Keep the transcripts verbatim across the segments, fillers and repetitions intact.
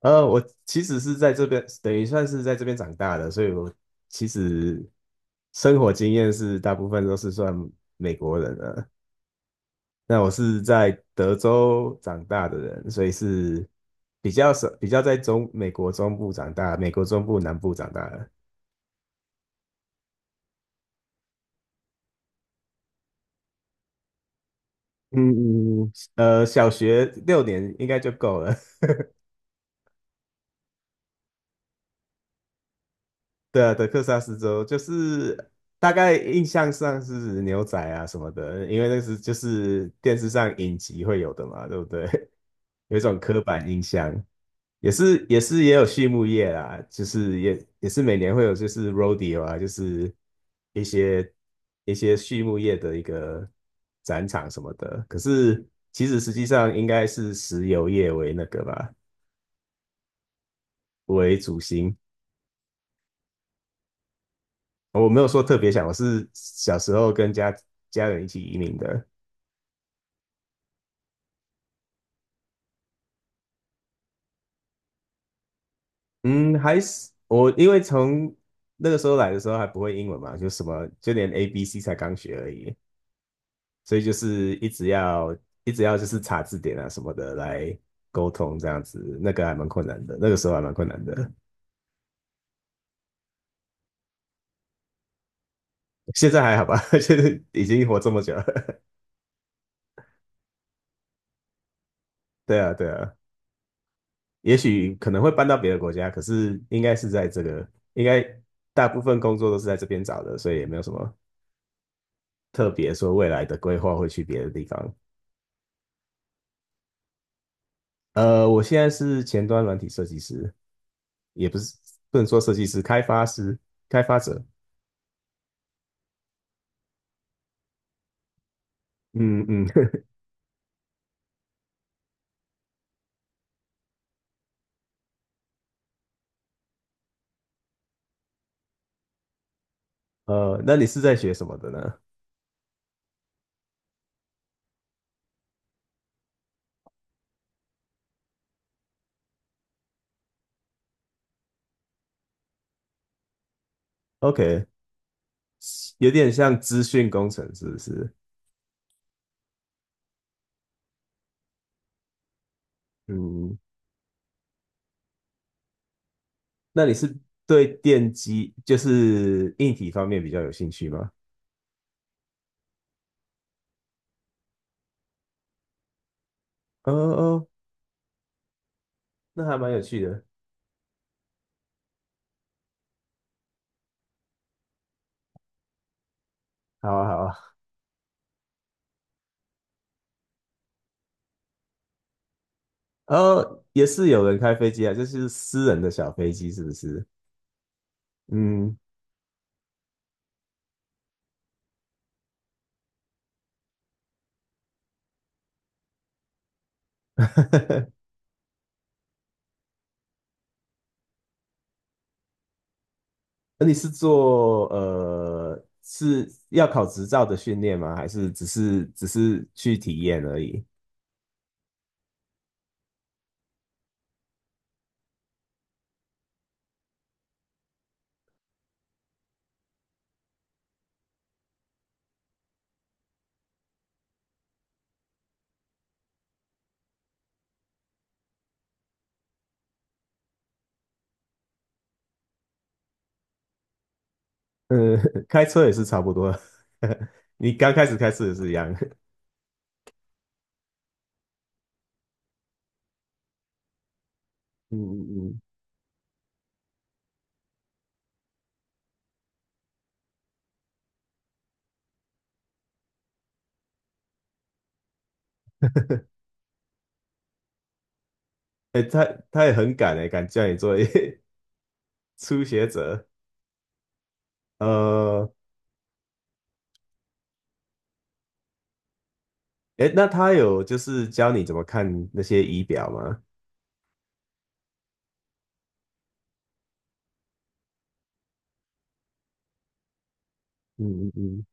呃，我其实是在这边，等于算是在这边长大的，所以我其实生活经验是大部分都是算美国人了。那我是在德州长大的人，所以是比较少，比较在中美国中部长大，美国中部南部长大的。嗯嗯嗯。呃，小学六年应该就够了。对啊，德克萨斯州就是大概印象上是牛仔啊什么的，因为那是就是电视上影集会有的嘛，对不对？有一种刻板印象，也是也是也有畜牧业啦，就是也也是每年会有就是 rodeo 啊，就是一些一些畜牧业的一个展场什么的。可是其实实际上应该是石油业为那个吧，为主心。我没有说特别想，我是小时候跟家家人一起移民的。嗯，还是我因为从那个时候来的时候还不会英文嘛，就什么就连 A B C 才刚学而已，所以就是一直要一直要就是查字典啊什么的来沟通这样子，那个还蛮困难的，那个时候还蛮困难的。现在还好吧，就是已经活这么久了。对啊，对啊，也许可能会搬到别的国家，可是应该是在这个，应该大部分工作都是在这边找的，所以也没有什么特别说未来的规划会去别的地方。呃，我现在是前端软体设计师，也不是不能说设计师，开发师、开发者。嗯嗯，呃，那你是在学什么的呢？OK，有点像资讯工程，是不是？嗯，那你是对电机，就是硬体方面比较有兴趣吗？哦哦，那还蛮有趣的。好啊，好啊。哦，也是有人开飞机啊，就是私人的小飞机，是不是？嗯，哈哈。那你是做呃是要考执照的训练吗？还是只是只是去体验而已？呃，开车也是差不多，你刚开始开车也是一样。嗯嗯嗯，哎，他他也很敢哎，敢叫你做一 初学者。呃，哎，那他有就是教你怎么看那些仪表吗？嗯嗯嗯，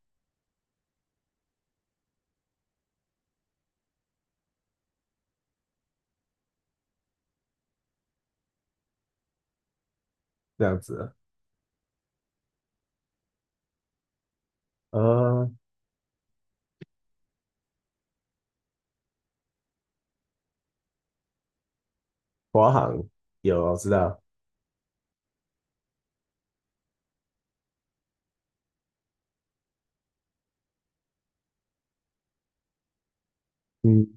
这样子啊。呃，华航有，我知道。嗯。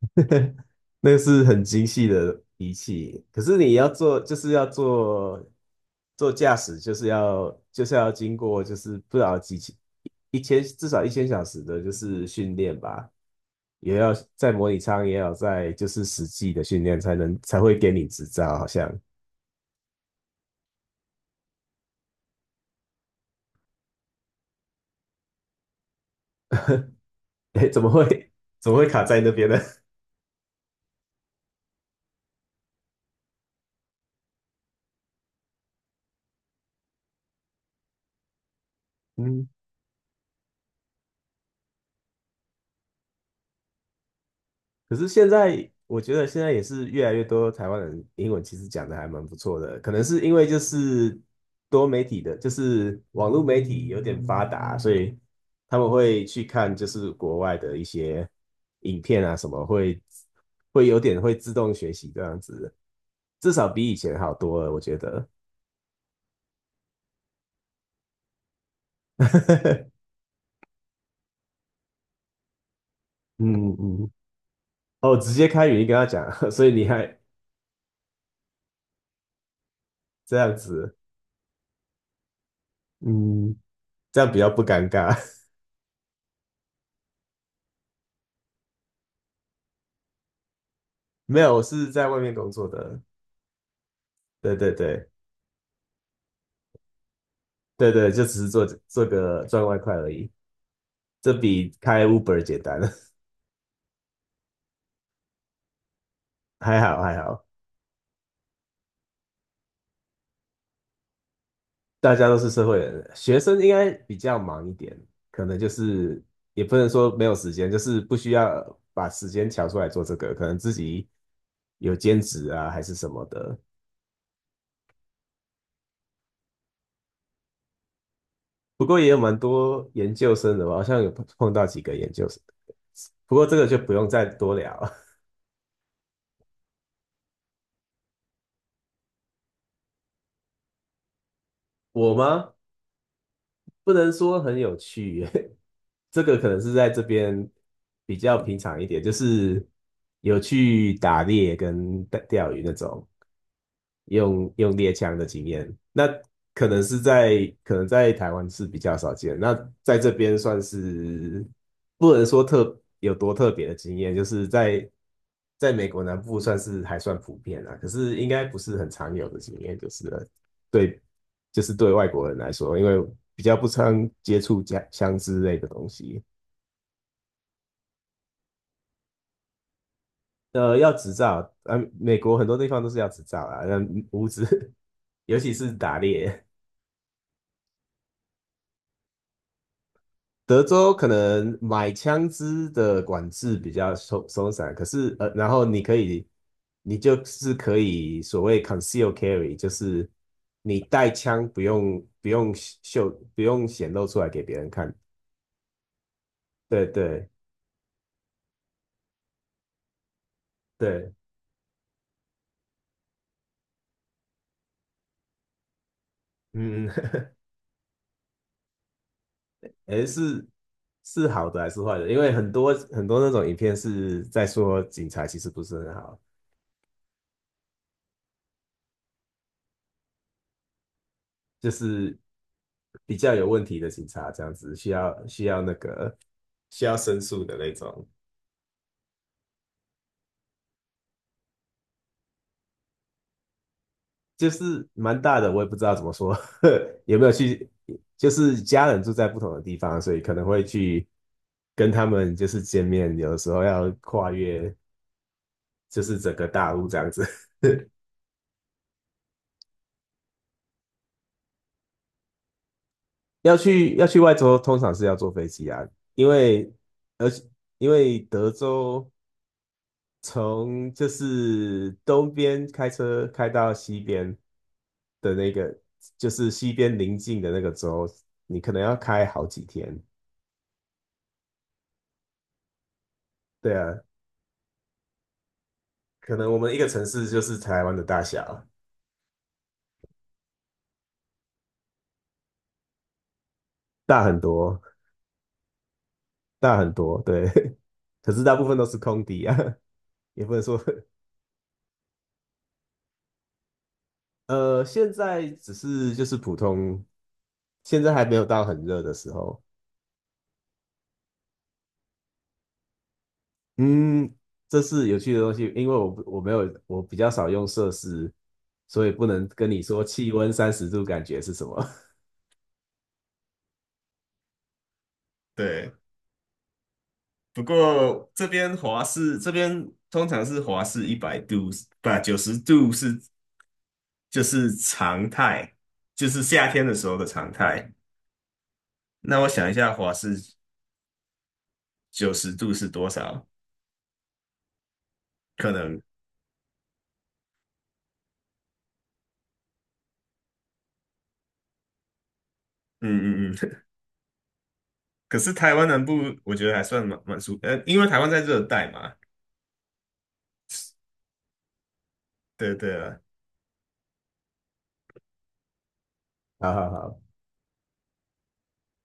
那个是很精细的仪器，可是你要做，就是要做做驾驶，就是要就是要经过，就是不知道几千一千至少一千小时的，就是训练吧，也要在模拟舱，也要在就是实际的训练，才能才会给你执照。好像，哎，怎么会怎么会卡在那边呢？嗯。可是现在我觉得现在也是越来越多台湾人英文其实讲的还蛮不错的，可能是因为就是多媒体的，就是网络媒体有点发达，所以他们会去看就是国外的一些影片啊什么，会会有点会自动学习这样子，至少比以前好多了，我觉得。嗯嗯，哦，直接开语音跟他讲，所以你还这样子，嗯，这样比较不尴尬。没有，我是在外面工作的。对对对对对，就只是做做个赚外快而已，这比开 Uber 简单，还好还好，大家都是社会人，学生应该比较忙一点，可能就是也不能说没有时间，就是不需要把时间调出来做这个，可能自己有兼职啊还是什么的。不过也有蛮多研究生的吧，好像有碰碰到几个研究生，不过这个就不用再多聊。我吗？不能说很有趣，这个可能是在这边比较平常一点，就是有去打猎跟钓钓鱼那种。用用猎枪的经验，那可能是在可能在台湾是比较少见，那在这边算是不能说特有多特别的经验，就是在在美国南部算是还算普遍啦，可是应该不是很常有的经验，就是了。对，就是对外国人来说，因为比较不常接触家枪支类的东西。呃，要执照，啊，美国很多地方都是要执照啦，那无执，尤其是打猎。德州可能买枪支的管制比较松松散，可是呃，然后你可以，你就是可以所谓 conceal carry，就是你带枪不用不用秀不用显露出来给别人看。对对对，嗯，诶，是是好的还是坏的？因为很多很多那种影片是在说警察其实不是很好，就是比较有问题的警察这样子，需要需要那个需要申诉的那种。就是蛮大的，我也不知道怎么说，有没有去，就是家人住在不同的地方，所以可能会去跟他们就是见面，有的时候要跨越就是整个大陆这样子。要去要去外州，通常是要坐飞机啊，因为而且因为德州从就是东边开车开到西边的那个，就是西边邻近的那个州，你可能要开好几天，对啊。可能我们一个城市就是台湾的大小，大很多，大很多，对。可是大部分都是空地啊，也不能说，呃，现在只是就是普通，现在还没有到很热的时候。嗯，这是有趣的东西，因为我不我没有我比较少用摄氏，所以不能跟你说气温三十度感觉是什么。对，不过这边华氏这边通常是华氏一百度，不九十度是就是常态，就是夏天的时候的常态。那我想一下，华氏九十度是多少？可能，嗯嗯嗯。可是台湾南部我觉得还算蛮蛮舒服，呃，因为台湾在热带嘛。对对了，好好好，